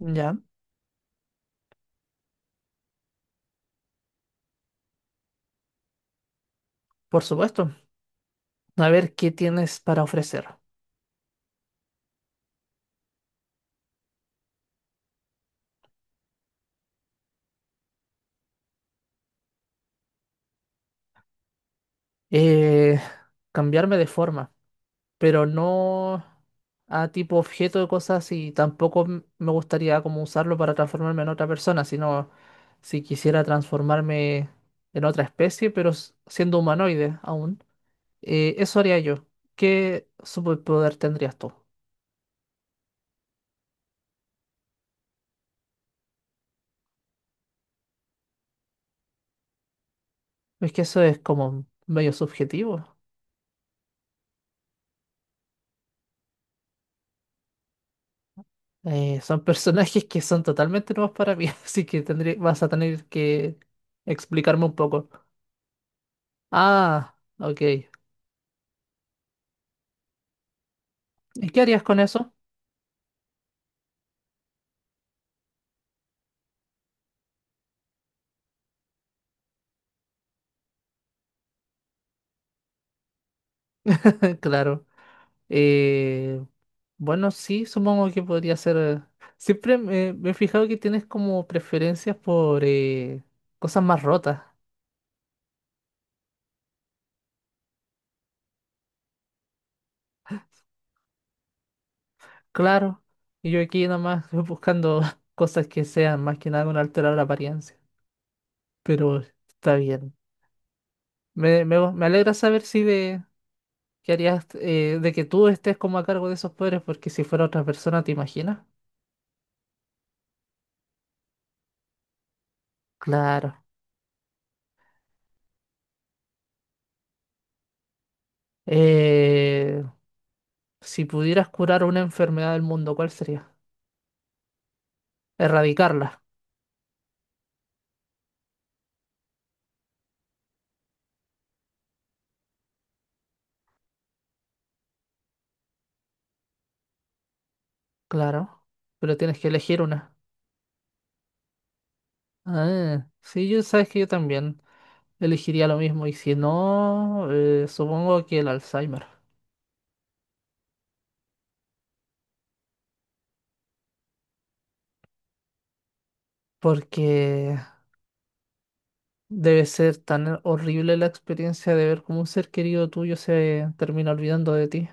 Ya, por supuesto. A ver qué tienes para ofrecer. Eh, Cambiarme de forma, pero no a tipo objeto de cosas y tampoco me gustaría como usarlo para transformarme en otra persona, sino si quisiera transformarme en otra especie, pero siendo humanoide aún. Eso haría yo. ¿Qué superpoder tendrías tú? Es que eso es como medio subjetivo. Son personajes que son totalmente nuevos para mí, así que tendré, vas a tener que explicarme un poco. Ah, ok. ¿Y qué harías con eso? Claro. Eh, bueno, sí, supongo que podría ser. Siempre me he fijado que tienes como preferencias por cosas más rotas. Claro. Y yo aquí nada más buscando cosas que sean más que nada con alterar la apariencia. Pero está bien. Me alegra saber si de ¿Qué harías de que tú estés como a cargo de esos poderes? Porque si fuera otra persona, ¿te imaginas? Claro. Eh, si pudieras curar una enfermedad del mundo, ¿cuál sería? Erradicarla. Claro. Pero tienes que elegir una. Ah, sí, yo sabes que yo también elegiría lo mismo. Y si no, supongo que el Alzheimer. Porque debe ser tan horrible la experiencia de ver cómo un ser querido tuyo se termina olvidando de ti.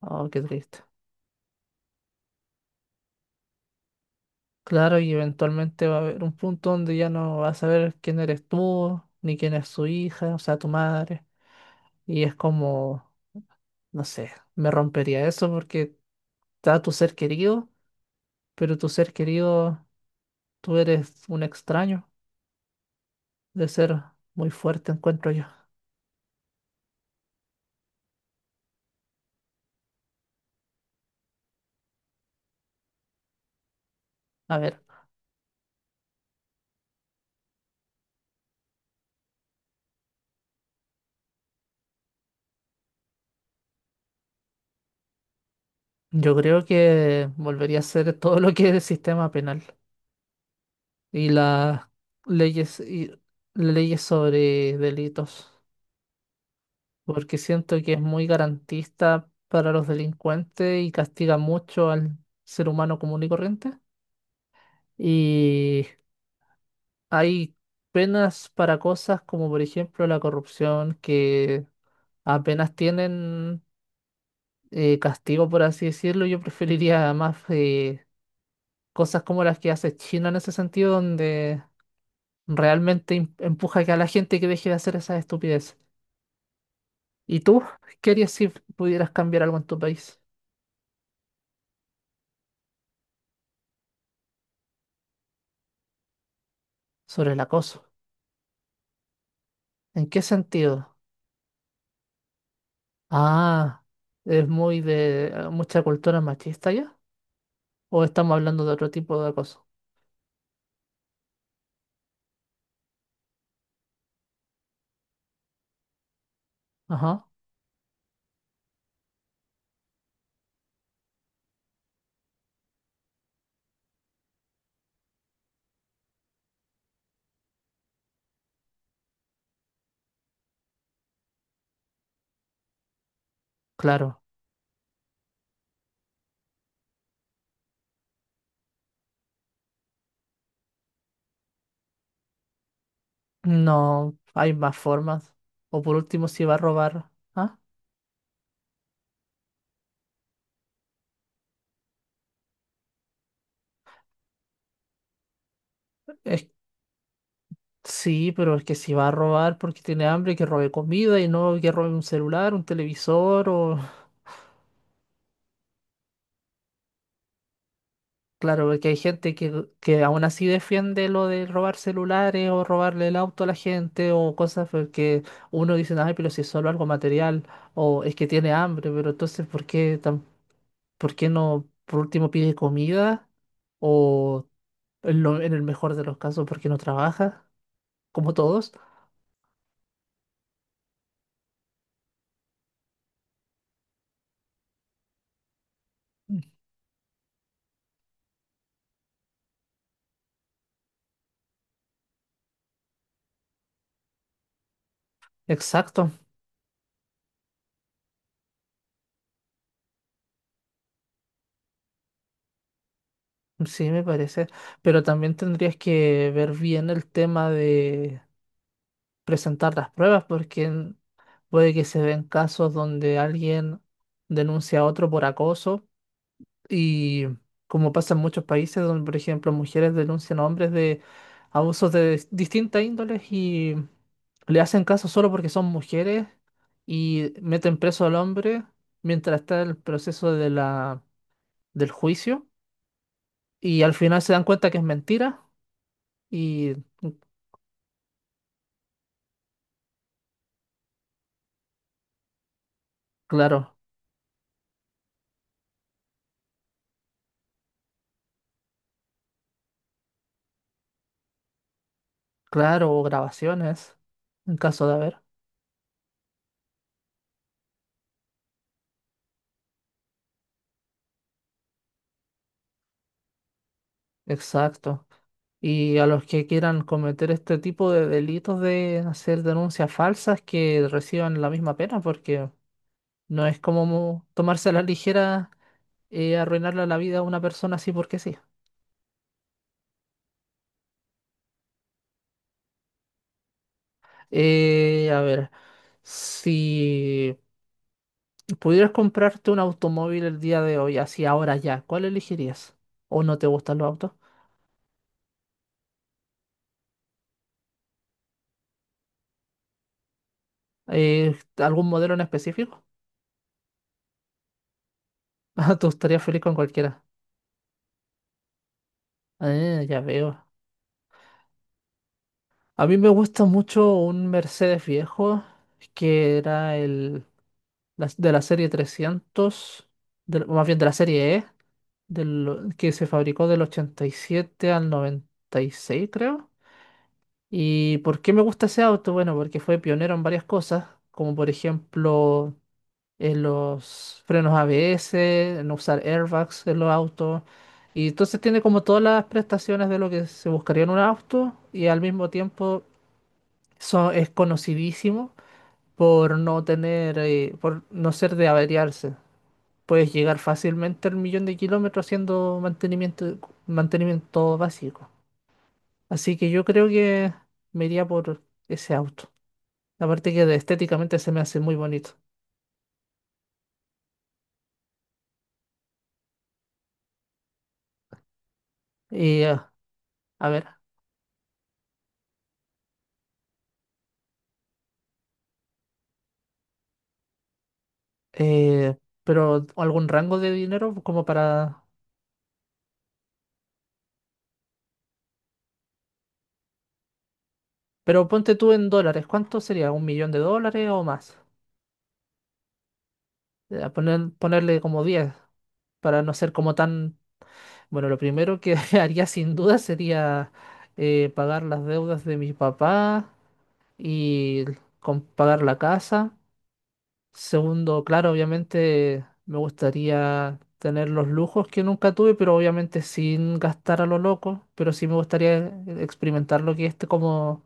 Oh, qué triste. Claro, y eventualmente va a haber un punto donde ya no vas a saber quién eres tú, ni quién es su hija, o sea, tu madre. Y es como, no sé, me rompería eso porque está tu ser querido, pero tu ser querido, tú eres un extraño de ser muy fuerte, encuentro yo. A ver, yo creo que volvería a ser todo lo que es el sistema penal y las leyes, y leyes sobre delitos. Porque siento que es muy garantista para los delincuentes y castiga mucho al ser humano común y corriente. Y hay penas para cosas como por ejemplo la corrupción que apenas tienen castigo, por así decirlo. Yo preferiría más cosas como las que hace China en ese sentido, donde realmente empuja que a la gente que deje de hacer esas estupideces. ¿Y tú? ¿Qué harías si pudieras cambiar algo en tu país sobre el acoso? ¿En qué sentido? Ah, es muy de mucha cultura machista ya. ¿O estamos hablando de otro tipo de acoso? Ajá, claro. No, hay más formas. O por último, si va a robar. ¿Ah? Es, sí, pero es que si va a robar porque tiene hambre, que robe comida y no que robe un celular, un televisor o claro, porque hay gente que aún así defiende lo de robar celulares o robarle el auto a la gente o cosas porque uno dice, ay, pero si es solo algo material o es que tiene hambre, pero entonces, ¿por qué, por qué no, por último, pide comida? O en, en el mejor de los casos, ¿por qué no trabaja? Como todos. Mm. Exacto, sí, me parece. Pero también tendrías que ver bien el tema presentar las pruebas porque puede que se ven casos donde alguien denuncia a otro por acoso y como pasa en muchos países donde, por ejemplo, mujeres denuncian a hombres de abusos de distintas índoles y le hacen caso solo porque son mujeres y meten preso al hombre mientras está el proceso de la, del juicio y al final se dan cuenta que es mentira y claro, claro, o grabaciones en caso de haber. Exacto. Y a los que quieran cometer este tipo de delitos de hacer denuncias falsas que reciban la misma pena, porque no es como tomarse a la ligera arruinarle la vida a una persona así porque sí. A ver, si pudieras comprarte un automóvil el día de hoy, así ahora ya, ¿cuál elegirías? ¿O no te gustan los autos? ¿algún modelo en específico? Ah, tú estarías feliz con cualquiera. Ah, ya veo. A mí me gusta mucho un Mercedes viejo que era el de la serie 300 más bien de la serie E, del, que se fabricó del 87 al 96 creo. ¿Y por qué me gusta ese auto? Bueno, porque fue pionero en varias cosas, como por ejemplo en los frenos ABS, en usar airbags en los autos. Y entonces tiene como todas las prestaciones de lo que se buscaría en un auto y al mismo tiempo es conocidísimo por no tener, por no ser de averiarse. Puedes llegar fácilmente al millón de kilómetros haciendo mantenimiento básico. Así que yo creo que me iría por ese auto. Aparte que estéticamente se me hace muy bonito. Y a ver, eh, pero algún rango de dinero como para... Pero ponte tú en dólares, ¿cuánto sería? ¿Un millón de dólares o más? Ponerle como 10 para no ser como tan bueno, lo primero que haría sin duda sería pagar las deudas de mi papá y pagar la casa. Segundo, claro, obviamente me gustaría tener los lujos que nunca tuve, pero obviamente sin gastar a lo loco. Pero sí me gustaría experimentar lo que es este, como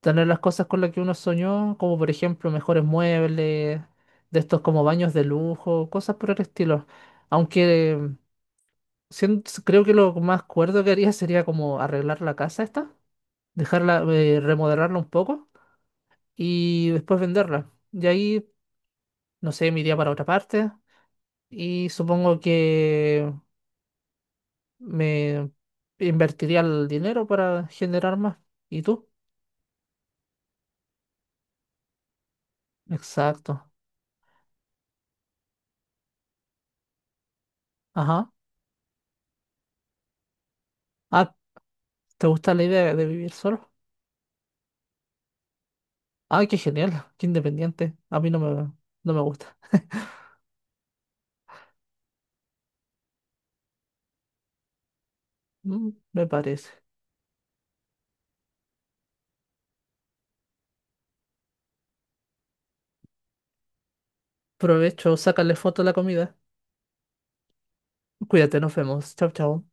tener las cosas con las que uno soñó, como por ejemplo mejores muebles, de estos como baños de lujo, cosas por el estilo. Aunque creo que lo más cuerdo que haría sería como arreglar la casa esta, dejarla, remodelarla un poco y después venderla. Y ahí, no sé, me iría para otra parte y supongo que me invertiría el dinero para generar más. ¿Y tú? Exacto. Ajá. Ah, ¿te gusta la idea de vivir solo? Ay, qué genial, qué independiente. A mí no me, no me gusta. Mm, me parece. Provecho, sácale foto a la comida. Cuídate, nos vemos. Chao, chao.